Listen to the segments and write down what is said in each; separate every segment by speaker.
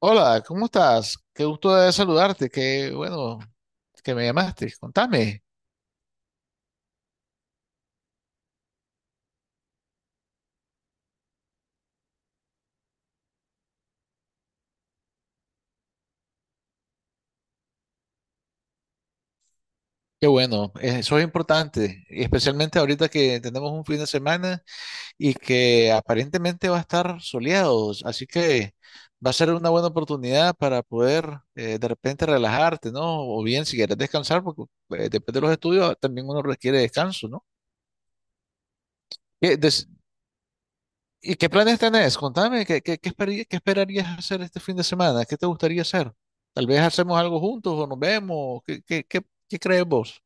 Speaker 1: Hola, ¿cómo estás? Qué gusto de saludarte, qué bueno que me llamaste. Contame. Qué bueno, eso es importante, y especialmente ahorita que tenemos un fin de semana y que aparentemente va a estar soleado, así que va a ser una buena oportunidad para poder de repente relajarte, ¿no? O bien si quieres descansar, porque después de los estudios también uno requiere descanso, ¿no? ¿Qué, des- ¿Y qué planes tenés? Contame, ¿qué esperarías hacer este fin de semana? ¿Qué te gustaría hacer? Tal vez hacemos algo juntos o nos vemos. ¿Qué crees vos?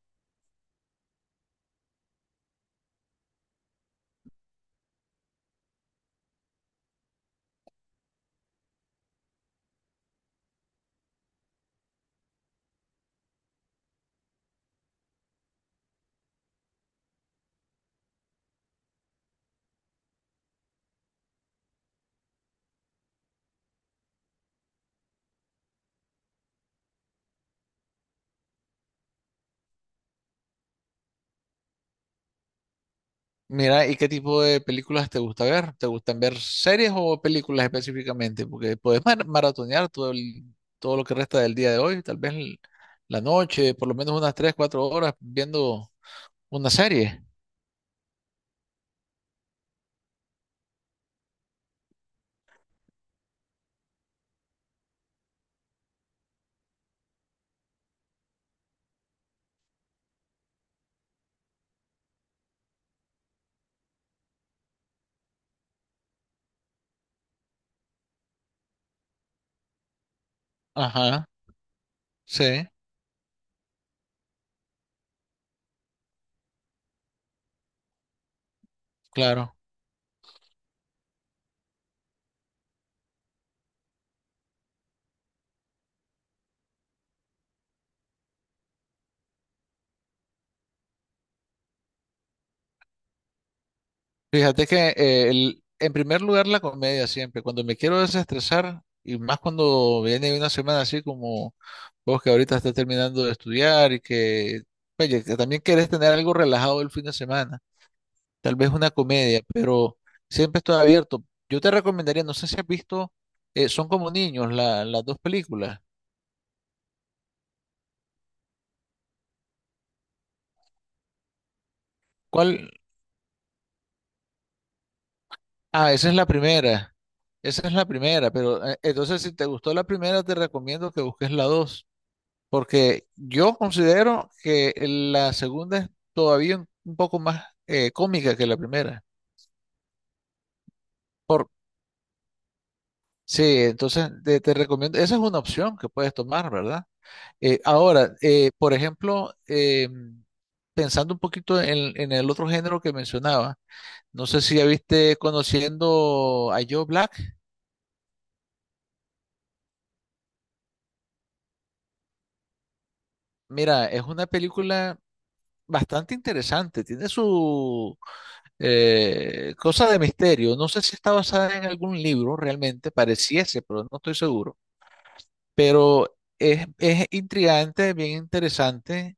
Speaker 1: Mira, ¿y qué tipo de películas te gusta ver? ¿Te gustan ver series o películas específicamente? Porque podés maratonear todo lo que resta del día de hoy, tal vez la noche, por lo menos unas 3 4 horas viendo una serie. Ajá, sí, claro. Fíjate que en primer lugar la comedia siempre, cuando me quiero desestresar y más cuando viene una semana así como vos que ahorita estás terminando de estudiar y que, oye, que también querés tener algo relajado el fin de semana, tal vez una comedia, pero siempre estoy abierto. Yo te recomendaría, no sé si has visto, son como niños las dos películas. ¿Cuál? Ah, esa es la primera, pero entonces si te gustó la primera te recomiendo que busques la dos. Porque yo considero que la segunda es todavía un poco más cómica que la primera. Por, sí, entonces te recomiendo, esa es una opción que puedes tomar, ¿verdad? Ahora, por ejemplo, pensando un poquito en, el otro género que mencionaba, no sé si ya viste conociendo a Joe Black. Mira, es una película bastante interesante, tiene su cosa de misterio. No sé si está basada en algún libro realmente, pareciese, pero no estoy seguro. Pero es intrigante, bien interesante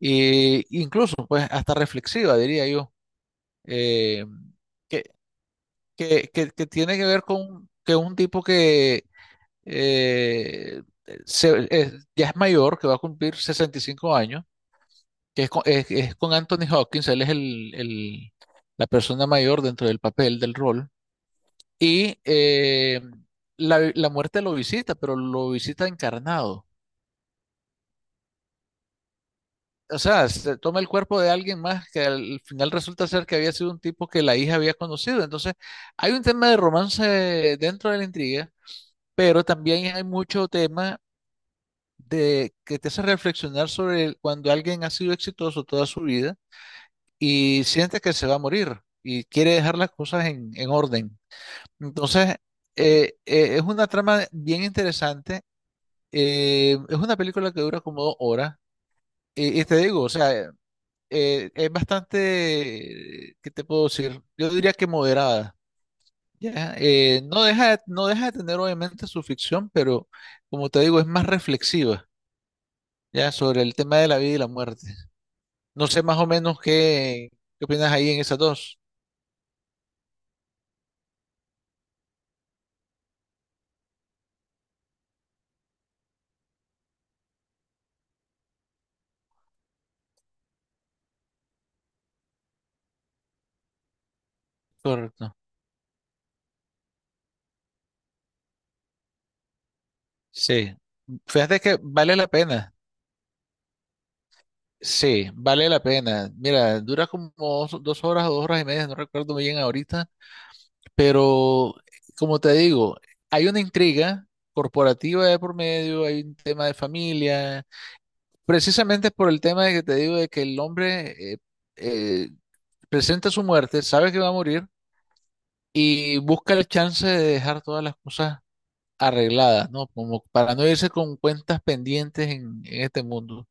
Speaker 1: e incluso pues hasta reflexiva, diría yo. Eh, que, que tiene que ver con que un tipo que eh, ya es mayor, que va a cumplir 65 años, que es con Anthony Hopkins, él es la persona mayor dentro del papel, del rol. Y eh, la muerte lo visita, pero lo visita encarnado. O sea, se toma el cuerpo de alguien más que al final resulta ser que había sido un tipo que la hija había conocido. Entonces, hay un tema de romance dentro de la intriga, pero también hay mucho tema de que te hace reflexionar sobre cuando alguien ha sido exitoso toda su vida y siente que se va a morir y quiere dejar las cosas en, orden. Entonces, es una trama bien interesante. Es una película que dura como 2 horas. Y te digo, o sea, es bastante, ¿qué te puedo decir? Yo diría que moderada. Ya, no deja de tener obviamente su ficción, pero como te digo, es más reflexiva, ya, sobre el tema de la vida y la muerte. No sé más o menos qué opinas ahí en esas dos. Correcto. Sí. Fíjate que vale la pena. Sí, vale la pena. Mira, dura como dos horas o 2 horas y media, no recuerdo bien ahorita. Pero, como te digo, hay una intriga corporativa de por medio, hay un tema de familia, precisamente por el tema de que te digo de que el hombre eh, presenta su muerte, sabe que va a morir y busca la chance de dejar todas las cosas arregladas, ¿no? Como para no irse con cuentas pendientes en, este mundo.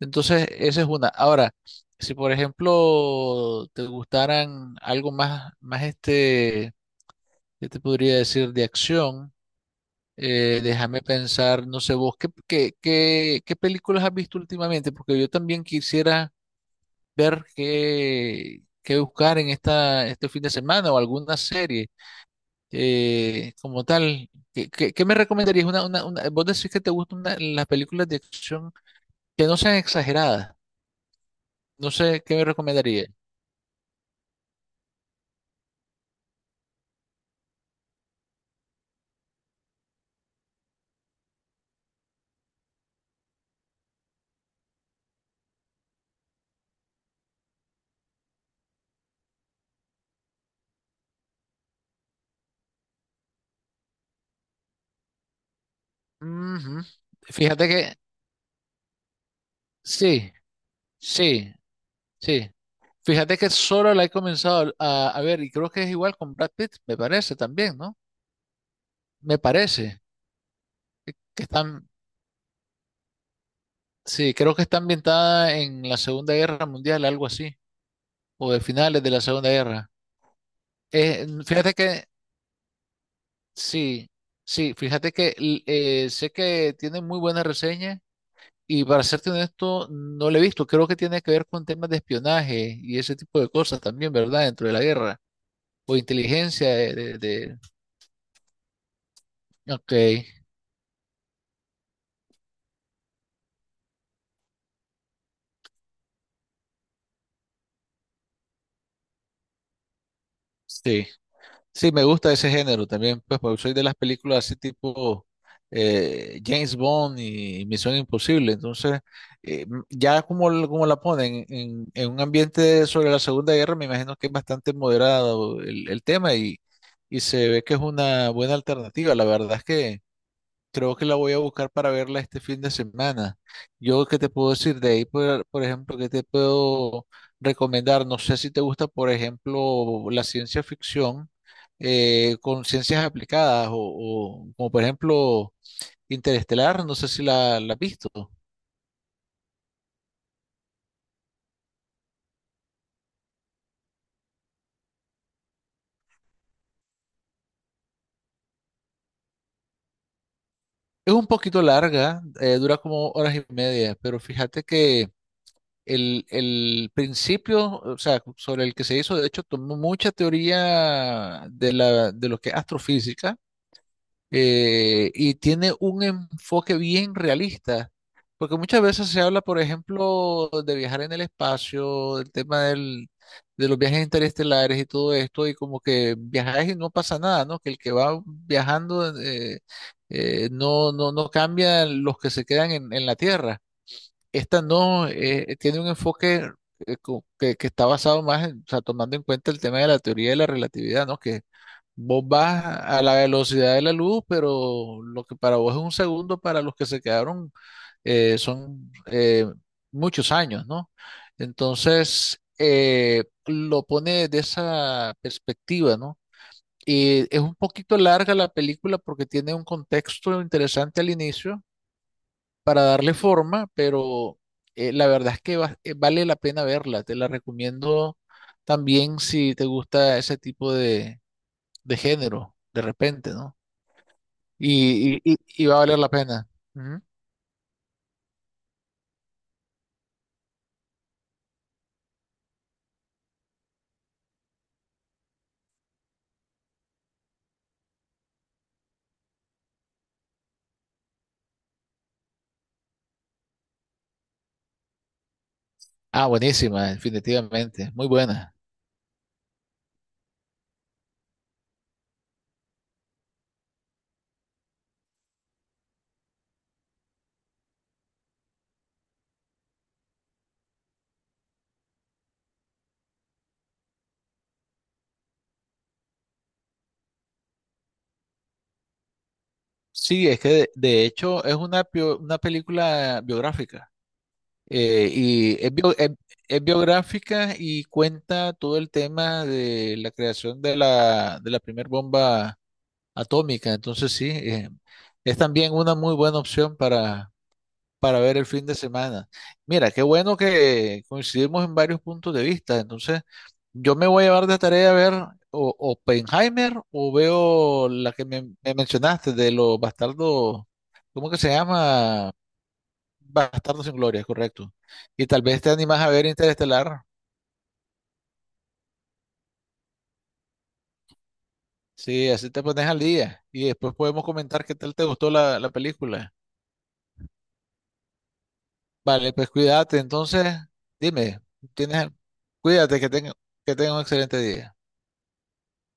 Speaker 1: Entonces, esa es una. Ahora, si por ejemplo te gustaran algo más. ¿Qué te podría decir de acción? Déjame pensar, no sé vos, ¿qué películas has visto últimamente? Porque yo también quisiera ver qué buscar en este fin de semana o alguna serie como tal. ¿Qué me recomendarías? Vos decís que te gustan las películas de acción que no sean exageradas. No sé, ¿qué me recomendarías? Ujú. Fíjate que sí, sí, sí. Fíjate que solo la he comenzado a ver y creo que es igual con Brad Pitt, me parece también, ¿no? Me parece que están, sí, creo que está ambientada en la Segunda Guerra Mundial, algo así, o de finales de la Segunda Guerra. Fíjate que, sí, sí, fíjate que sé que tiene muy buena reseña y para serte honesto, no la he visto. Creo que tiene que ver con temas de espionaje y ese tipo de cosas también, ¿verdad? Dentro de la guerra o inteligencia de. Ok, sí. Sí, me gusta ese género también, pues, porque soy de las películas así tipo James Bond y Misión Imposible. Entonces, ya como la ponen en, un ambiente sobre la Segunda Guerra, me imagino que es bastante moderado el tema y se ve que es una buena alternativa. La verdad es que creo que la voy a buscar para verla este fin de semana. Yo, ¿qué te puedo decir? De ahí, por ejemplo, ¿qué te puedo recomendar? No sé si te gusta, por ejemplo, la ciencia ficción con ciencias aplicadas o como por ejemplo Interestelar, no sé si la has visto. Es un poquito larga, dura como horas y media, pero fíjate que el principio, o sea, sobre el que se hizo, de hecho, tomó mucha teoría de lo que es astrofísica, y tiene un enfoque bien realista, porque muchas veces se habla, por ejemplo, de viajar en el espacio, del tema de los viajes interestelares y todo esto, y como que viajar y no pasa nada, ¿no? Que el que va viajando no, no, no cambia los que se quedan en la Tierra. Esta no, tiene un enfoque que está basado más o sea, tomando en cuenta el tema de la teoría de la relatividad, ¿no? Que vos vas a la velocidad de la luz, pero lo que para vos es un segundo, para los que se quedaron son muchos años, ¿no? Entonces, lo pone de esa perspectiva, ¿no? Y es un poquito larga la película porque tiene un contexto interesante al inicio para darle forma, pero la verdad es que vale la pena verla. Te la recomiendo también si te gusta ese tipo de género, de repente, ¿no? Y va a valer la pena. Ujú. Ah, buenísima, definitivamente. Muy buena. Sí, es que de hecho es una película biográfica. Y es biográfica y cuenta todo el tema de la creación de la primera bomba atómica. Entonces sí, es también una muy buena opción para ver el fin de semana. Mira, qué bueno que coincidimos en varios puntos de vista. Entonces, yo me voy a llevar de tarea a ver o Oppenheimer o veo la que me mencionaste de los bastardos, ¿cómo que se llama? Bastardos sin Gloria, correcto. Y tal vez te animas a ver Interestelar. Sí, así te pones al día. Y después podemos comentar qué tal te gustó la película. Vale, pues cuídate. Entonces, dime, tienes, cuídate que tenga, un excelente día.